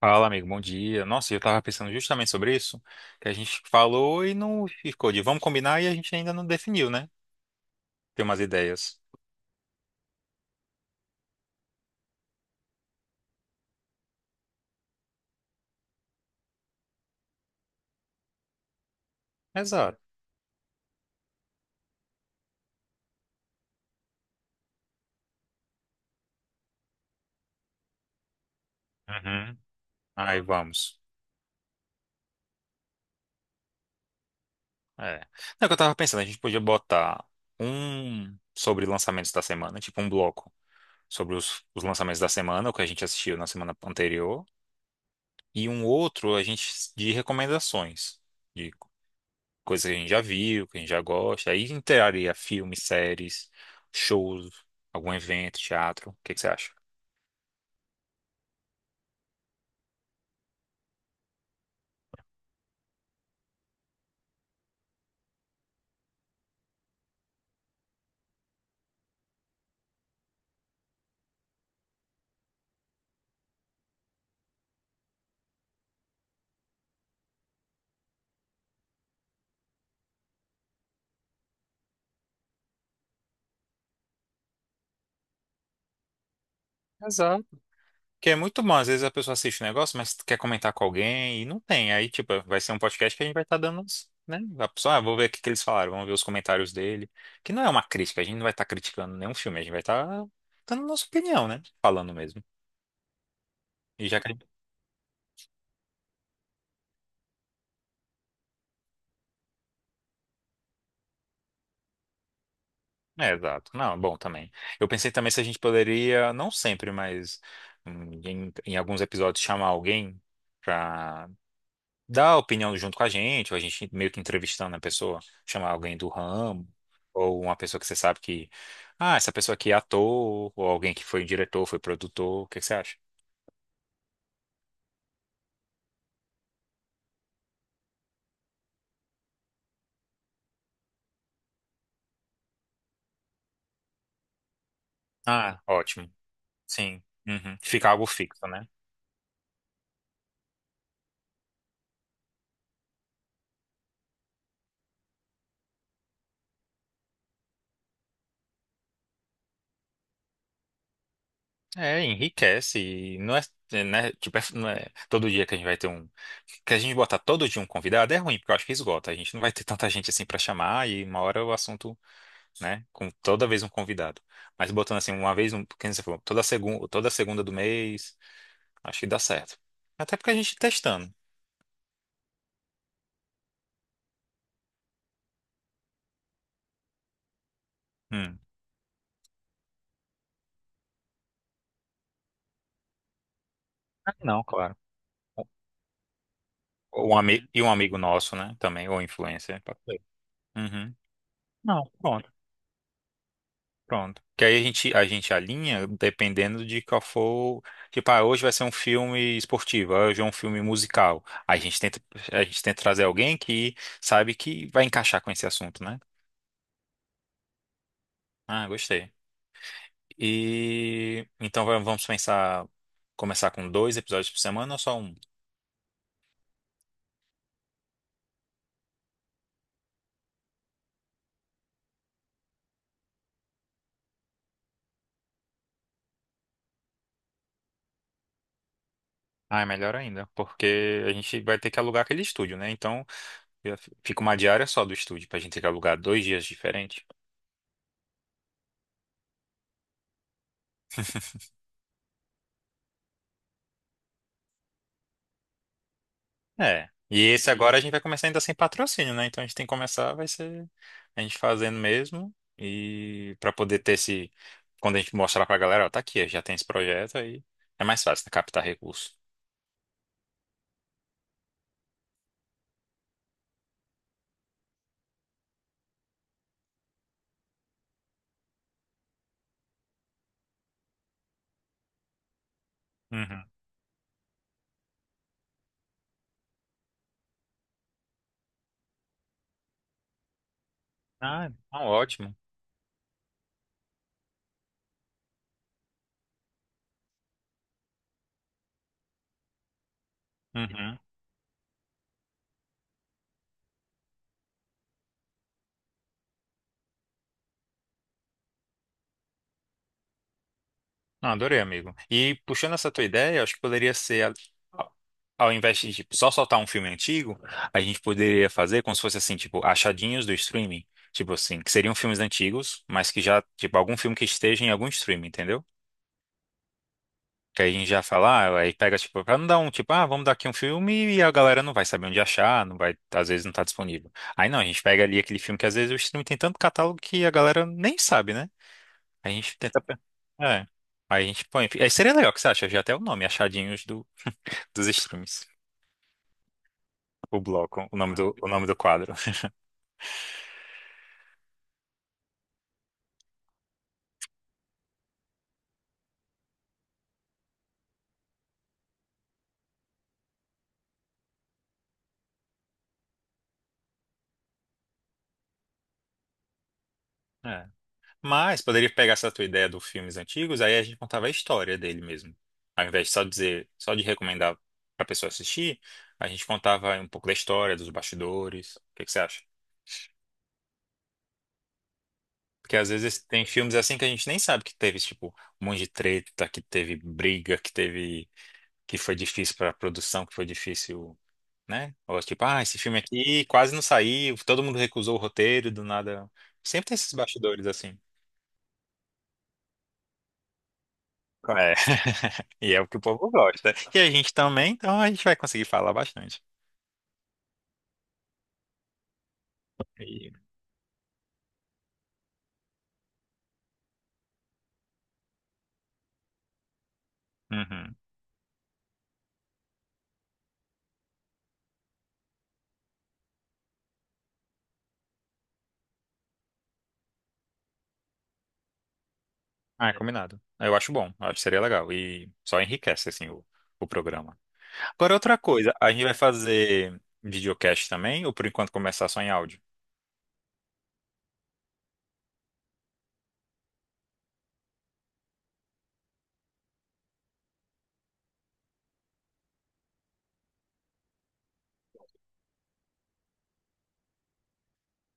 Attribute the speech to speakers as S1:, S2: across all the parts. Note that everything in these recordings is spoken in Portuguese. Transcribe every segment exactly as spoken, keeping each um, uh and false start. S1: Fala, amigo, bom dia. Nossa, eu tava pensando justamente sobre isso, que a gente falou e não ficou de vamos combinar e a gente ainda não definiu, né? Tem umas ideias. Exato. Uhum. Aí vamos. É. Não, é que eu tava pensando, a gente podia botar um sobre lançamentos da semana, tipo um bloco sobre os, os lançamentos da semana, o que a gente assistiu na semana anterior, e um outro a gente de recomendações, coisa que a gente já viu, que a gente já gosta. Aí entraria filmes, séries, shows, algum evento, teatro. O que que você acha? Exato. Que é muito bom, às vezes a pessoa assiste um negócio, mas quer comentar com alguém e não tem. Aí, tipo, vai ser um podcast que a gente vai estar dando, uns, né? A pessoa, ah, vou ver o que que eles falaram, vamos ver os comentários dele. Que não é uma crítica, a gente não vai estar criticando nenhum filme, a gente vai estar dando nossa opinião, né? Falando mesmo. E já que É, exato. Não, bom também. Eu pensei também se a gente poderia, não sempre, mas hum, em, em alguns episódios, chamar alguém pra dar opinião junto com a gente, ou a gente meio que entrevistando a pessoa, chamar alguém do ramo, ou uma pessoa que você sabe que, ah, essa pessoa aqui é ator, ou alguém que foi diretor, foi produtor, o que que você acha? Ah, ótimo. Sim. Uhum. Fica algo fixo, né? É, enriquece. E não é, é, né, tipo, é- não é todo dia que a gente vai ter um. Que a gente botar todo dia um convidado é ruim, porque eu acho que esgota. A gente não vai ter tanta gente assim pra chamar e uma hora o assunto, né? Com toda vez um convidado. Mas botando assim, uma vez, um, quem você falou, toda segunda, toda segunda do mês, acho que dá certo. Até porque a gente testando. Hum. Ah, não, claro. Ou Um, ami- e um amigo nosso, né? Também, ou influencer. Pode ser. Uhum. Não, pronto. Pronto. Que aí a gente, a gente alinha dependendo de qual for. Tipo, ah, hoje vai ser um filme esportivo, ah, hoje é um filme musical. Aí a gente tenta, a gente tenta trazer alguém que sabe que vai encaixar com esse assunto, né? Ah, gostei. E então va- vamos pensar, começar com dois episódios por semana ou só um? Ah, é melhor ainda, porque a gente vai ter que alugar aquele estúdio, né? Então eu- fica uma diária só do estúdio, pra gente ter que alugar dois dias diferentes. É. E esse agora a gente vai começar ainda sem patrocínio, né? Então a gente tem que começar, vai ser a gente fazendo mesmo. E pra poder ter esse. Quando a gente mostrar pra galera, ó, tá aqui, já tem esse projeto aí. É mais fácil, né? Captar recurso. Uhum. Ah, então ótimo. Uhum. Não, adorei, amigo. E puxando essa tua ideia, eu acho que poderia ser. a- Ao ao invés de tipo, só soltar um filme antigo, a gente poderia fazer como se fosse assim, tipo, achadinhos do streaming. Tipo assim, que seriam filmes antigos, mas que já, tipo, algum filme que esteja em algum streaming, entendeu? Que aí a gente já fala, ah, aí pega, tipo, pra não dar um, tipo, ah, vamos dar aqui um filme e a galera não vai saber onde achar, não vai, às vezes não tá disponível. Aí não, a gente pega ali aquele filme que às vezes o streaming tem tanto catálogo que a galera nem sabe, né? A gente tenta. pe- É. Aí a gente põe. Aí seria legal, o que você acha? Já até o nome, Achadinhos do, dos Streams. O bloco, o nome do, o nome do quadro. É. Mas poderia pegar essa tua ideia dos filmes antigos, aí a gente contava a história dele mesmo. Ao invés de só dizer, só de recomendar pra pessoa assistir, a gente contava um pouco da história, dos bastidores. O que que você acha? Porque às vezes tem filmes assim que a gente nem sabe que teve, tipo, um monte de treta, que teve briga, que teve, que foi difícil pra produção, que foi difícil, né? Ou tipo, ah, esse filme aqui quase não saiu, todo mundo recusou o roteiro, do nada. Sempre tem esses bastidores assim. E é o que o povo gosta. E a gente também, então a gente vai conseguir falar bastante. E- Uhum. Ah, é combinado. Eu acho bom, eu acho que seria legal. E só enriquece, assim, o, o programa. Agora, outra coisa, a gente vai fazer videocast também, ou por enquanto começar só em áudio?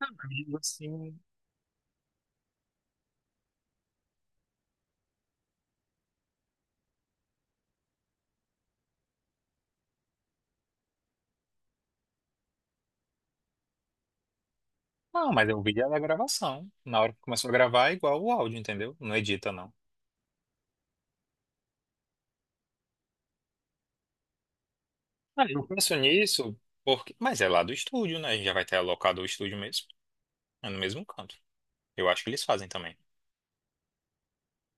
S1: Eu digo assim, Não, mas o vídeo é da gravação. Na hora que começou a gravar é igual o áudio, entendeu? Não edita, não. Ah, eu penso nisso porque... Mas é lá do estúdio, né? A gente já vai ter alocado o estúdio mesmo. É no mesmo canto. Eu acho que eles fazem também.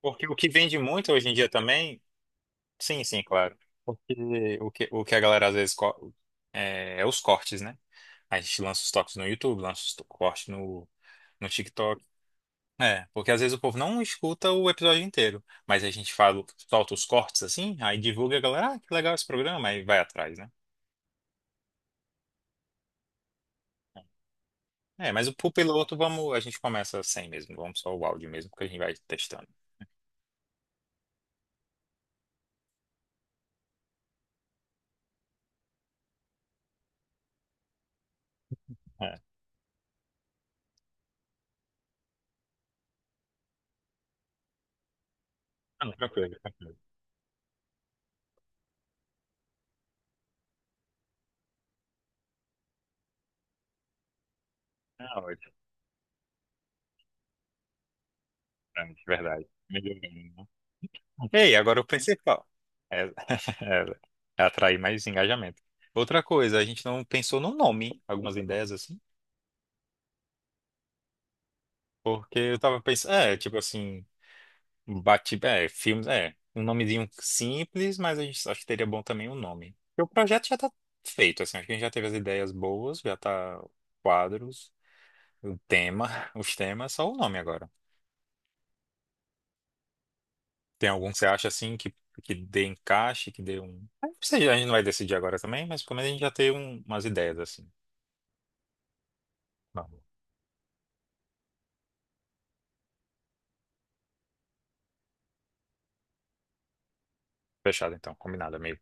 S1: Porque o que vende muito hoje em dia também, sim, sim, claro. Porque o que, o que a galera às vezes co- é, é os cortes, né? A gente lança os toques no YouTube, lança os to- cortes no, no TikTok. É, porque às vezes o povo não escuta o episódio inteiro, mas a gente fala, solta os cortes assim, aí divulga a galera, ah, que legal esse programa, aí vai atrás, né? É, mas o pro piloto, vamos, a gente começa sem mesmo, vamos só o áudio mesmo, porque a gente vai testando. É. Ah, não, tranquilo, tranquilo. Ah, ótimo, é, de verdade. Melhorando, né? Ei, agora o principal. É, é, é atrair mais engajamento. Outra coisa, a gente não pensou no nome, algumas ideias assim, porque eu tava pensando, é, tipo assim, bate, é, filmes, é, um nomezinho simples, mas a gente acho que teria bom também um nome. Porque o projeto já tá feito, assim, acho que a gente já teve as ideias boas, já tá quadros, o tema, os temas, só o nome agora. Tem algum que você acha assim que, que dê encaixe, que dê um. Não sei. A gente não vai decidir agora também, mas pelo menos a gente já tem um- umas ideias assim. Vamos. Fechado então, combinado, amigo.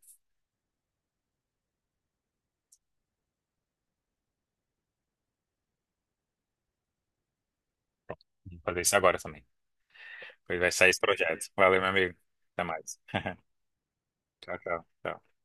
S1: Vou fazer isso agora também. Pois vai sair esse projeto. Valeu, meu amigo. Até mais. Tchau, tchau. Tchau.